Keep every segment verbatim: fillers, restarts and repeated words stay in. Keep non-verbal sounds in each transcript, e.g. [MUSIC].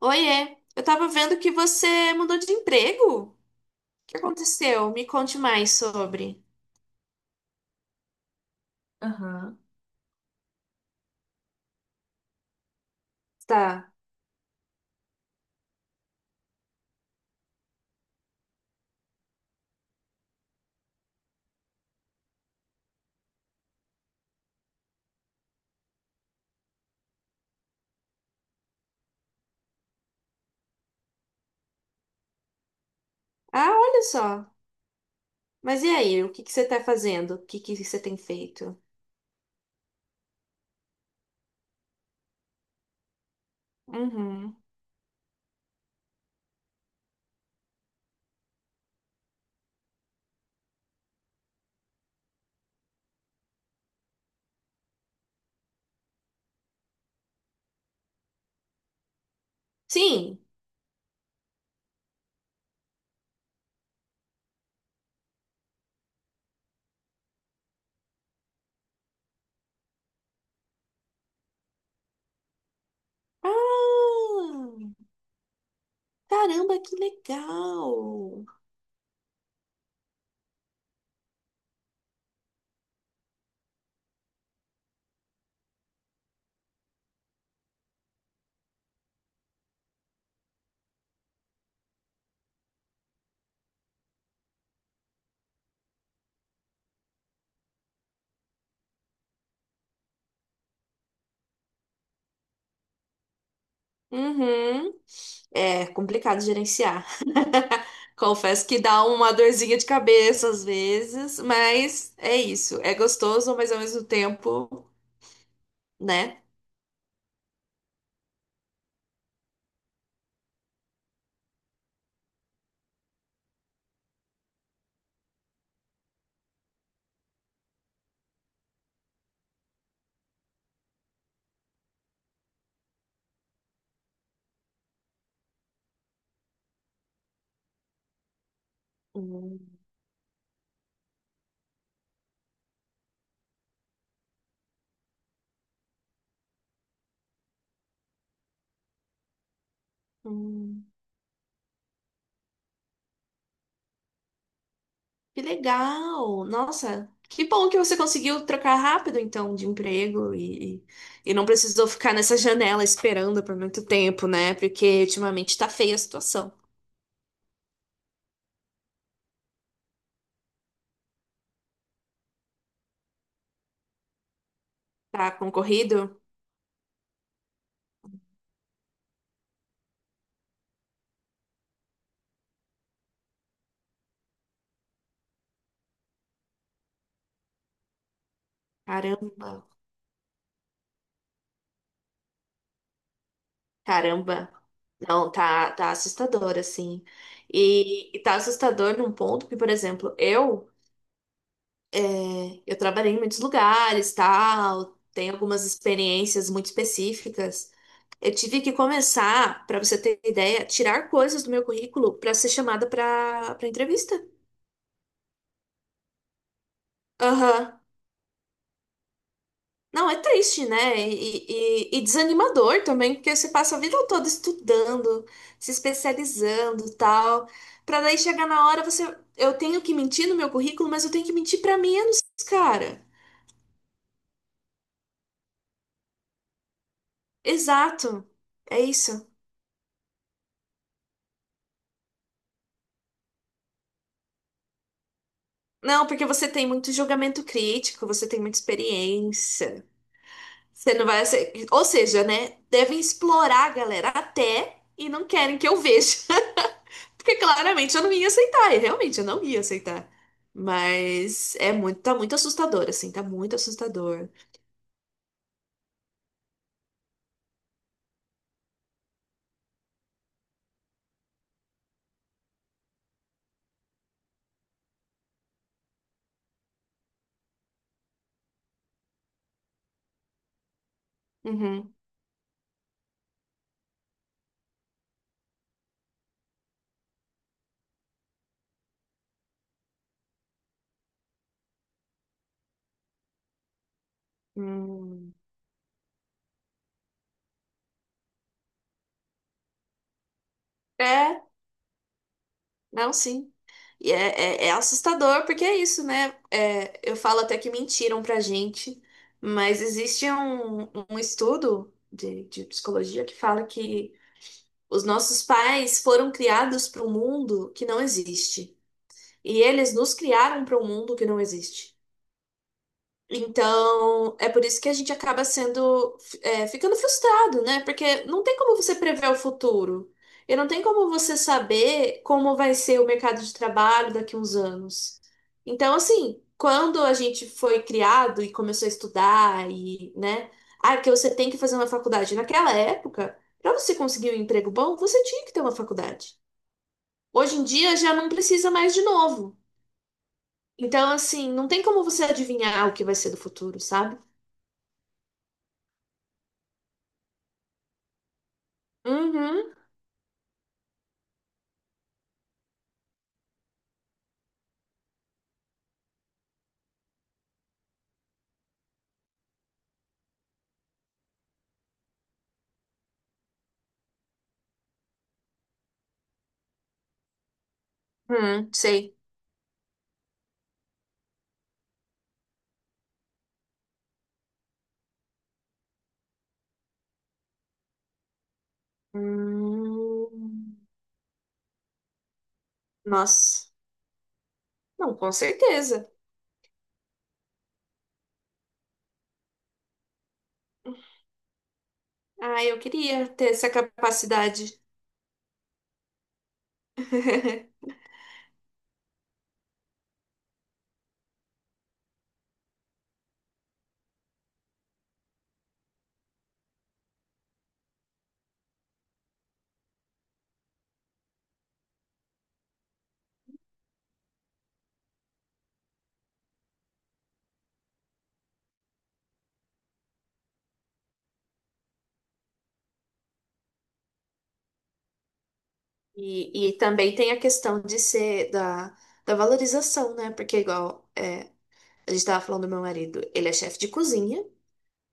Oiê, eu tava vendo que você mudou de emprego. O que aconteceu? Me conte mais sobre. Aham. Tá. Ah, olha só. Mas e aí, o que que você tá fazendo? O que que você tem feito? Uhum. Sim. Ah, caramba, que legal. Uhum. É complicado gerenciar. [LAUGHS] Confesso que dá uma dorzinha de cabeça às vezes, mas é isso. É gostoso, mas ao mesmo tempo, né? Hum, que legal! Nossa, que bom que você conseguiu trocar rápido, então, de emprego e, e não precisou ficar nessa janela esperando por muito tempo, né? Porque ultimamente tá feia a situação. Tá concorrido? Caramba, caramba. Não, tá, tá assustador, assim. E, e tá assustador num ponto que, por exemplo, eu. É, eu trabalhei em muitos lugares, tal, tenho algumas experiências muito específicas. Eu tive que começar, para você ter ideia, tirar coisas do meu currículo para ser chamada para para entrevista. Aham. Não, é triste, né? E, e- e desanimador também, porque você passa a vida toda estudando, se especializando, tal, para daí chegar na hora você, eu tenho que mentir no meu currículo, mas eu tenho que mentir para menos, cara. Exato. É isso. Não, porque você tem muito julgamento crítico, você tem muita experiência. Você não vai ser... Ou seja, né? Devem explorar a galera até e não querem que eu veja. [LAUGHS] Porque claramente eu não ia aceitar, e realmente eu não ia aceitar. Mas é muito, tá muito assustador, assim, tá muito assustador. Uhum. Hum. É, não, sim. E é, é, é assustador, porque é isso, né? É, eu falo até que mentiram pra gente, mas existe um, um estudo de, de psicologia que fala que os nossos pais foram criados para um mundo que não existe. E eles nos criaram para um mundo que não existe. Então, é por isso que a gente acaba sendo, é, ficando frustrado, né? Porque não tem como você prever o futuro. E não tem como você saber como vai ser o mercado de trabalho daqui a uns anos. Então, assim, quando a gente foi criado e começou a estudar e, né? Ah, que você tem que fazer uma faculdade. Naquela época, para você conseguir um emprego bom, você tinha que ter uma faculdade. Hoje em dia já não precisa mais de novo. Então, assim, não tem como você adivinhar o que vai ser do futuro, sabe? Uhum, uhum, sei. Hum, nossa, não, com certeza. Ah, eu queria ter essa capacidade. [LAUGHS] E, e também tem a questão de ser da, da valorização, né? Porque, igual é, a gente estava falando do meu marido, ele é chefe de cozinha,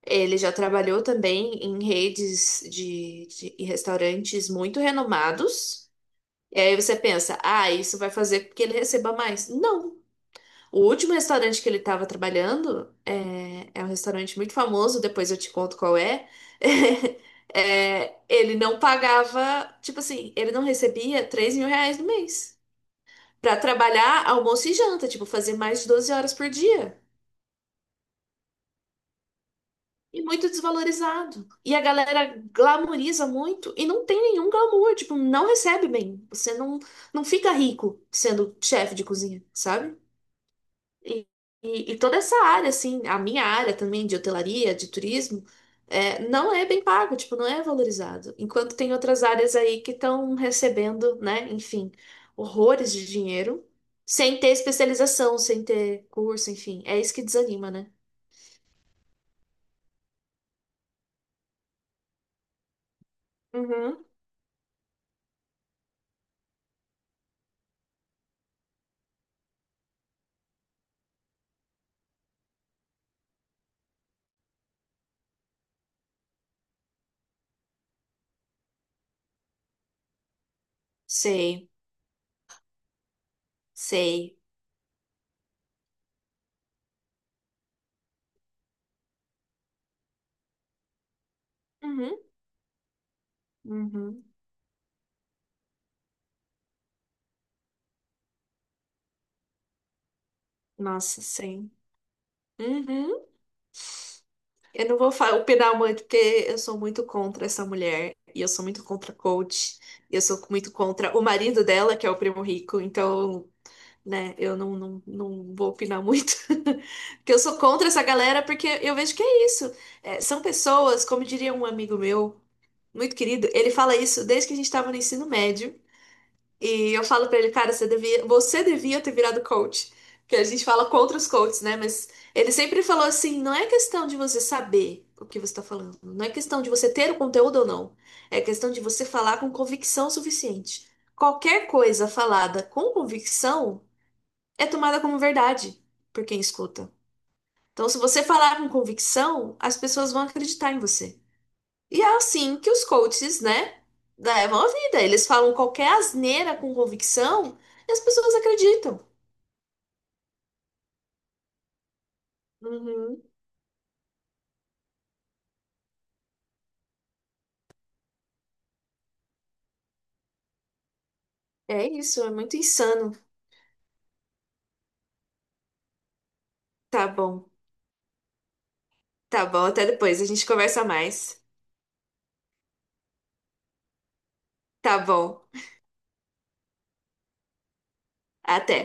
ele já trabalhou também em redes de, de em restaurantes muito renomados. E aí você pensa, ah, isso vai fazer com que ele receba mais. Não. O último restaurante que ele estava trabalhando é, é um restaurante muito famoso, depois eu te conto qual é. [LAUGHS] É, ele não pagava, tipo assim, ele não recebia três mil reais no mês para trabalhar almoço e janta, tipo, fazer mais de doze horas por dia. E muito desvalorizado. E a galera glamoriza muito e não tem nenhum glamour, tipo, não recebe bem. Você não, não fica rico sendo chefe de cozinha, sabe? E, e- e toda essa área, assim, a minha área também de hotelaria, de turismo, é, não é bem pago, tipo, não é valorizado. Enquanto tem outras áreas aí que estão recebendo, né, enfim, horrores de dinheiro, sem ter especialização, sem ter curso, enfim. É isso que desanima, né? Uhum. Sei, sei. Uhum. Uhum. Nossa, sei. Uhum. Eu não vou fa- opinar muito, porque eu sou muito contra essa mulher. E eu sou muito contra a coach. E eu sou muito contra o marido dela, que é o primo rico. Então, né, eu não, não, não vou opinar muito. [LAUGHS] Porque eu sou contra essa galera, porque eu vejo que é isso. É, são pessoas, como diria um amigo meu, muito querido, ele fala isso desde que a gente estava no ensino médio. E eu falo pra ele, cara, você devia, você devia ter virado coach. Que a gente fala contra os coaches, né? Mas ele sempre falou assim: não é questão de você saber o que você tá falando, não é questão de você ter o conteúdo ou não, é questão de você falar com convicção suficiente. Qualquer coisa falada com convicção é tomada como verdade por quem escuta. Então, se você falar com convicção, as pessoas vão acreditar em você. E é assim que os coaches, né, levam a vida. Eles falam qualquer asneira com convicção e as pessoas acreditam. Uhum. É isso, é muito insano. Tá bom, tá bom. Até depois, a gente conversa mais. Tá bom, até.